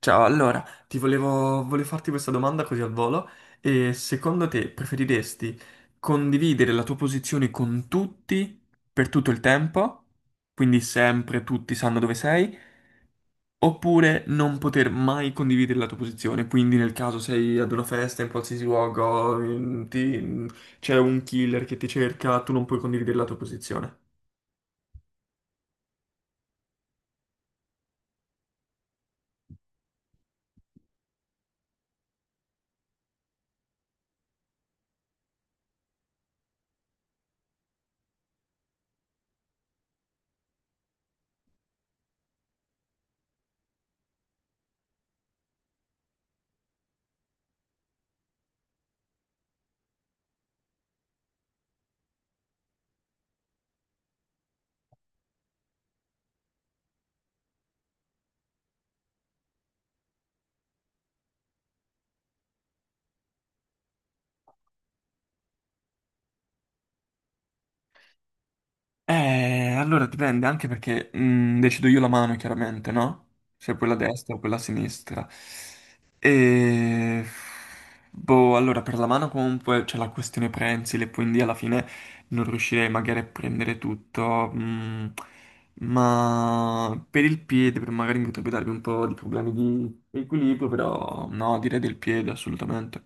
Ciao, allora, ti volevo farti questa domanda così al volo. E secondo te preferiresti condividere la tua posizione con tutti per tutto il tempo, quindi sempre tutti sanno dove sei, oppure non poter mai condividere la tua posizione? Quindi nel caso sei ad una festa in qualsiasi luogo, c'è un killer che ti cerca, tu non puoi condividere la tua posizione. Allora dipende anche perché decido io la mano, chiaramente, no? Se quella destra o quella sinistra. E... Boh, allora per la mano comunque c'è la questione prensile, quindi alla fine non riuscirei magari a prendere tutto. Ma per il piede magari mi potrebbe darvi un po' di problemi di equilibrio, però no, direi del piede assolutamente.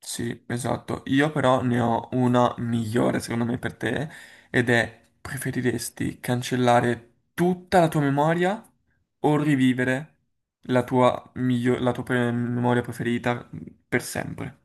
Sì, esatto. Io però ne ho una migliore secondo me per te ed è preferiresti cancellare tutta la tua memoria o rivivere la tua memoria preferita per sempre?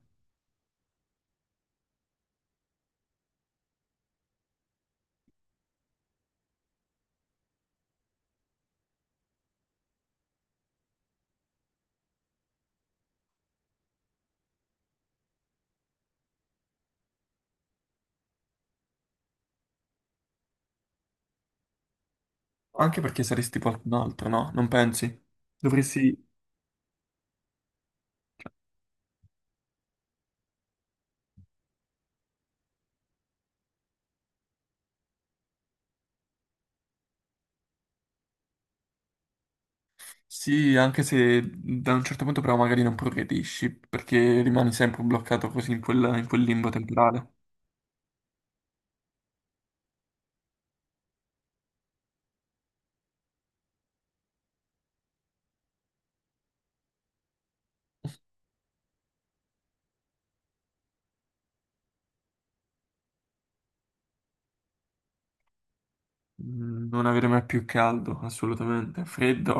Anche perché saresti qualcun altro, no? Non pensi? Dovresti. Sì, anche se da un certo punto però magari non progredisci perché rimani sempre bloccato così in quel limbo temporale. Non avere mai più caldo, assolutamente. Freddo,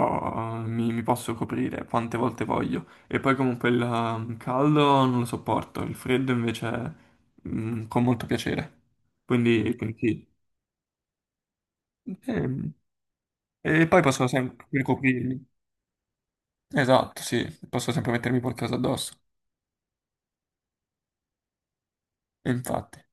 mi posso coprire quante volte voglio. E poi comunque il caldo non lo sopporto, il freddo invece con molto piacere. Quindi sì. Ehm, E poi posso sempre coprirmi. Esatto, sì, posso sempre mettermi qualcosa addosso. E infatti.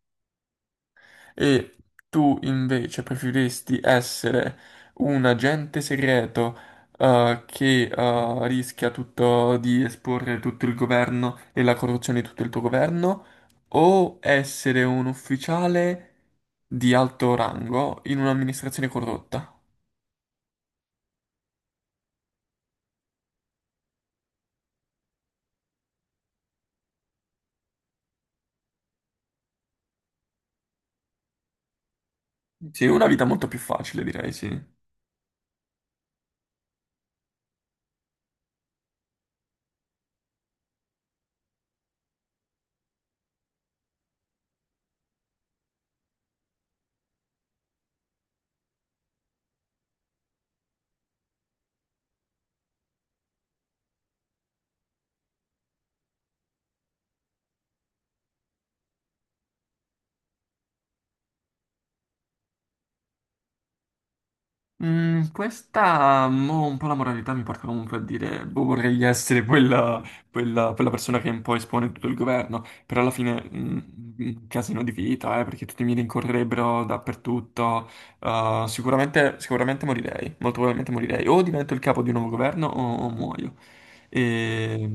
E tu invece preferiresti essere un agente segreto che rischia tutto di esporre tutto il governo e la corruzione di tutto il tuo governo, o essere un ufficiale di alto rango in un'amministrazione corrotta? Sì, una vita molto più facile, direi, sì. Questa, un po' la moralità mi porta comunque a dire, boh, vorrei essere quella persona che un po' espone tutto il governo, però alla fine, un casino di vita, perché tutti mi rincorrerebbero dappertutto. Sicuramente morirei, molto probabilmente morirei, o divento il capo di un nuovo governo o muoio. E...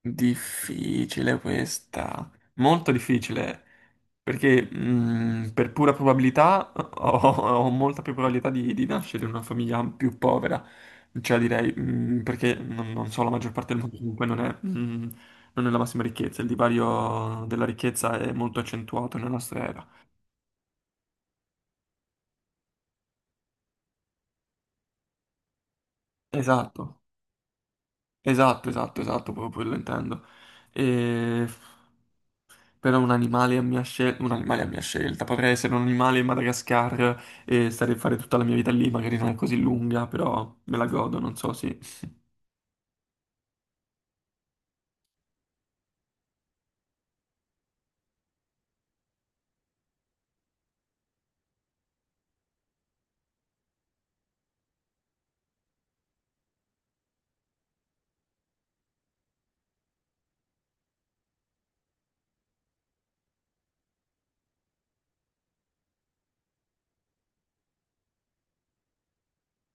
Difficile questa, molto difficile, perché per pura probabilità ho molta più probabilità di nascere in una famiglia più povera, cioè direi, perché non so, la maggior parte del mondo comunque non è la massima ricchezza, il divario della ricchezza è molto accentuato nella nostra era. Esatto, esatto, esatto, esatto, proprio quello intendo. E Però un animale a mia scelta, un animale a mia scelta, potrei essere un animale in Madagascar e stare a fare tutta la mia vita lì, magari non è così lunga, però me la godo, non so, sì.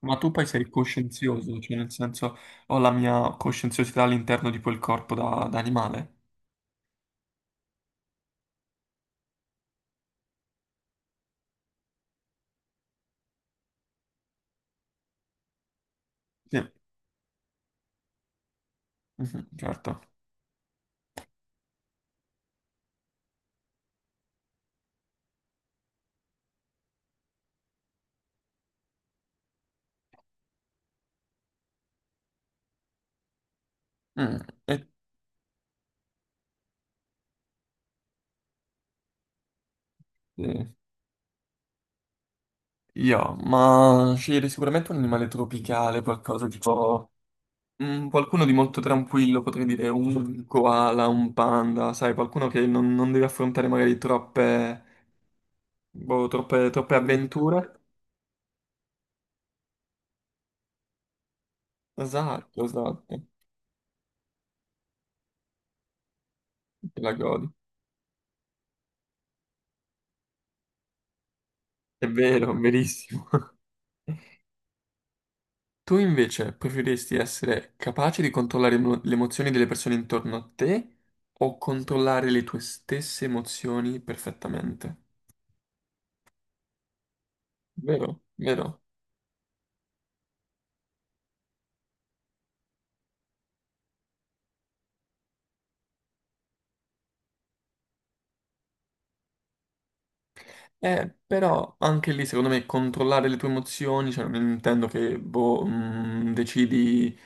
Ma tu poi sei coscienzioso, cioè nel senso ho la mia coscienziosità all'interno di quel corpo da animale. Sì, mhm, certo. Mm, e- eh, io, ma sceglierei sicuramente un animale tropicale, qualcosa tipo qualcuno di molto tranquillo, potrei dire un koala, un panda, sai, qualcuno che non deve affrontare magari boh, troppe avventure. Esatto, esatto, te la godi. È vero, verissimo. Tu invece preferiresti essere capace di controllare le emozioni delle persone intorno a te o controllare le tue stesse emozioni perfettamente? Vero, vero. Però anche lì secondo me controllare le tue emozioni, cioè non intendo che boh, decidi,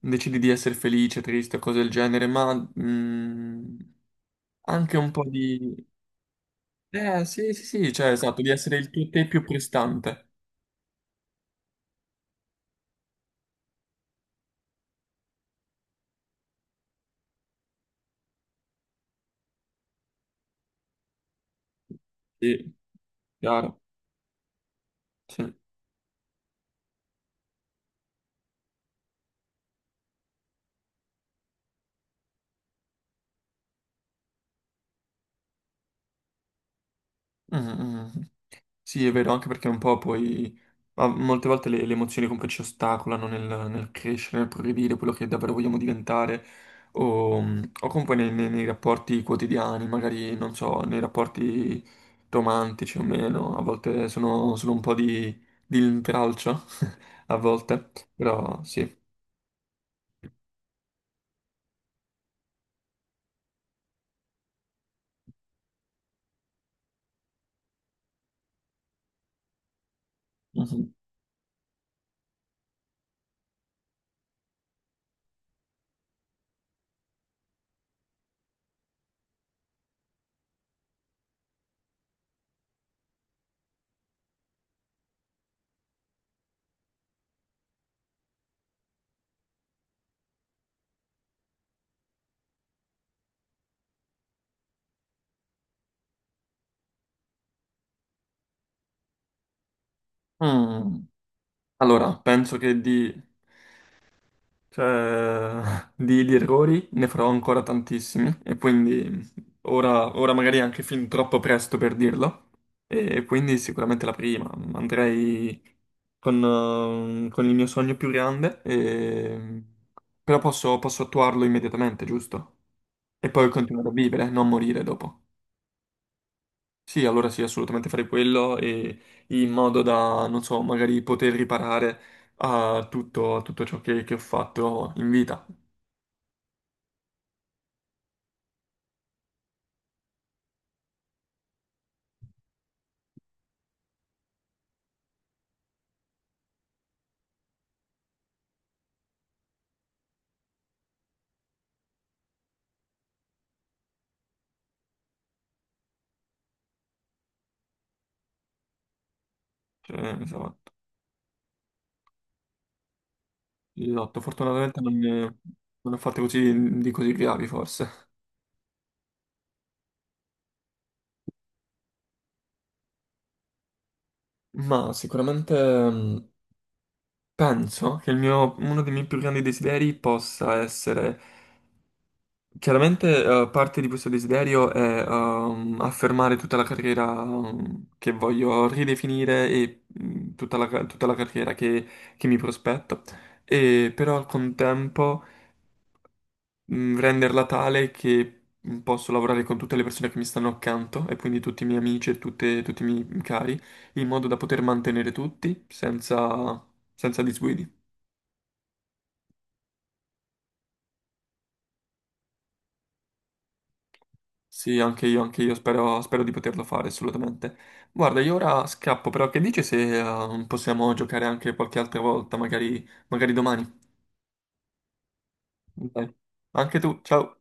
decidi di essere felice, triste o cose del genere, ma mm, anche un po' di... Eh sì, sì, sì, cioè esatto, di essere il tuo te più prestante. Sì, chiaro. Sì. Mm, mm. Mm. Sì, è vero, anche perché un po' poi ma molte volte le emozioni comunque ci ostacolano nel crescere, nel progredire, quello che davvero vogliamo diventare, o, o comunque nei rapporti quotidiani, magari, non so, nei rapporti romantici o meno, a volte sono un po' di intralcio, a volte, però sì. Mhm. Mm. Allora, penso che di cioè, di errori ne farò ancora tantissimi e quindi ora magari è anche fin troppo presto per dirlo e quindi sicuramente la prima. Andrei con il mio sogno più grande, però posso attuarlo immediatamente, giusto? E poi continuare a vivere, non morire dopo. Sì, allora sì, assolutamente farei quello e in modo da, non so, magari poter riparare a tutto ciò che ho fatto in vita. Cioè, insomma. Esatto, fortunatamente non ho fatto così gravi forse. Ma sicuramente mh, penso che uno dei miei più grandi desideri possa essere... Chiaramente parte di questo desiderio è affermare tutta la carriera che voglio ridefinire e tutta la carriera che mi prospetto. E, però al contempo renderla tale che posso lavorare con tutte le persone che mi stanno accanto e quindi tutti i miei amici e tutti i miei cari, in modo da poter mantenere tutti senza disguidi. Sì, anche io spero di poterlo fare assolutamente. Guarda, io ora scappo, però che dici se possiamo giocare anche qualche altra volta, magari domani? Dai. Anche tu, ciao.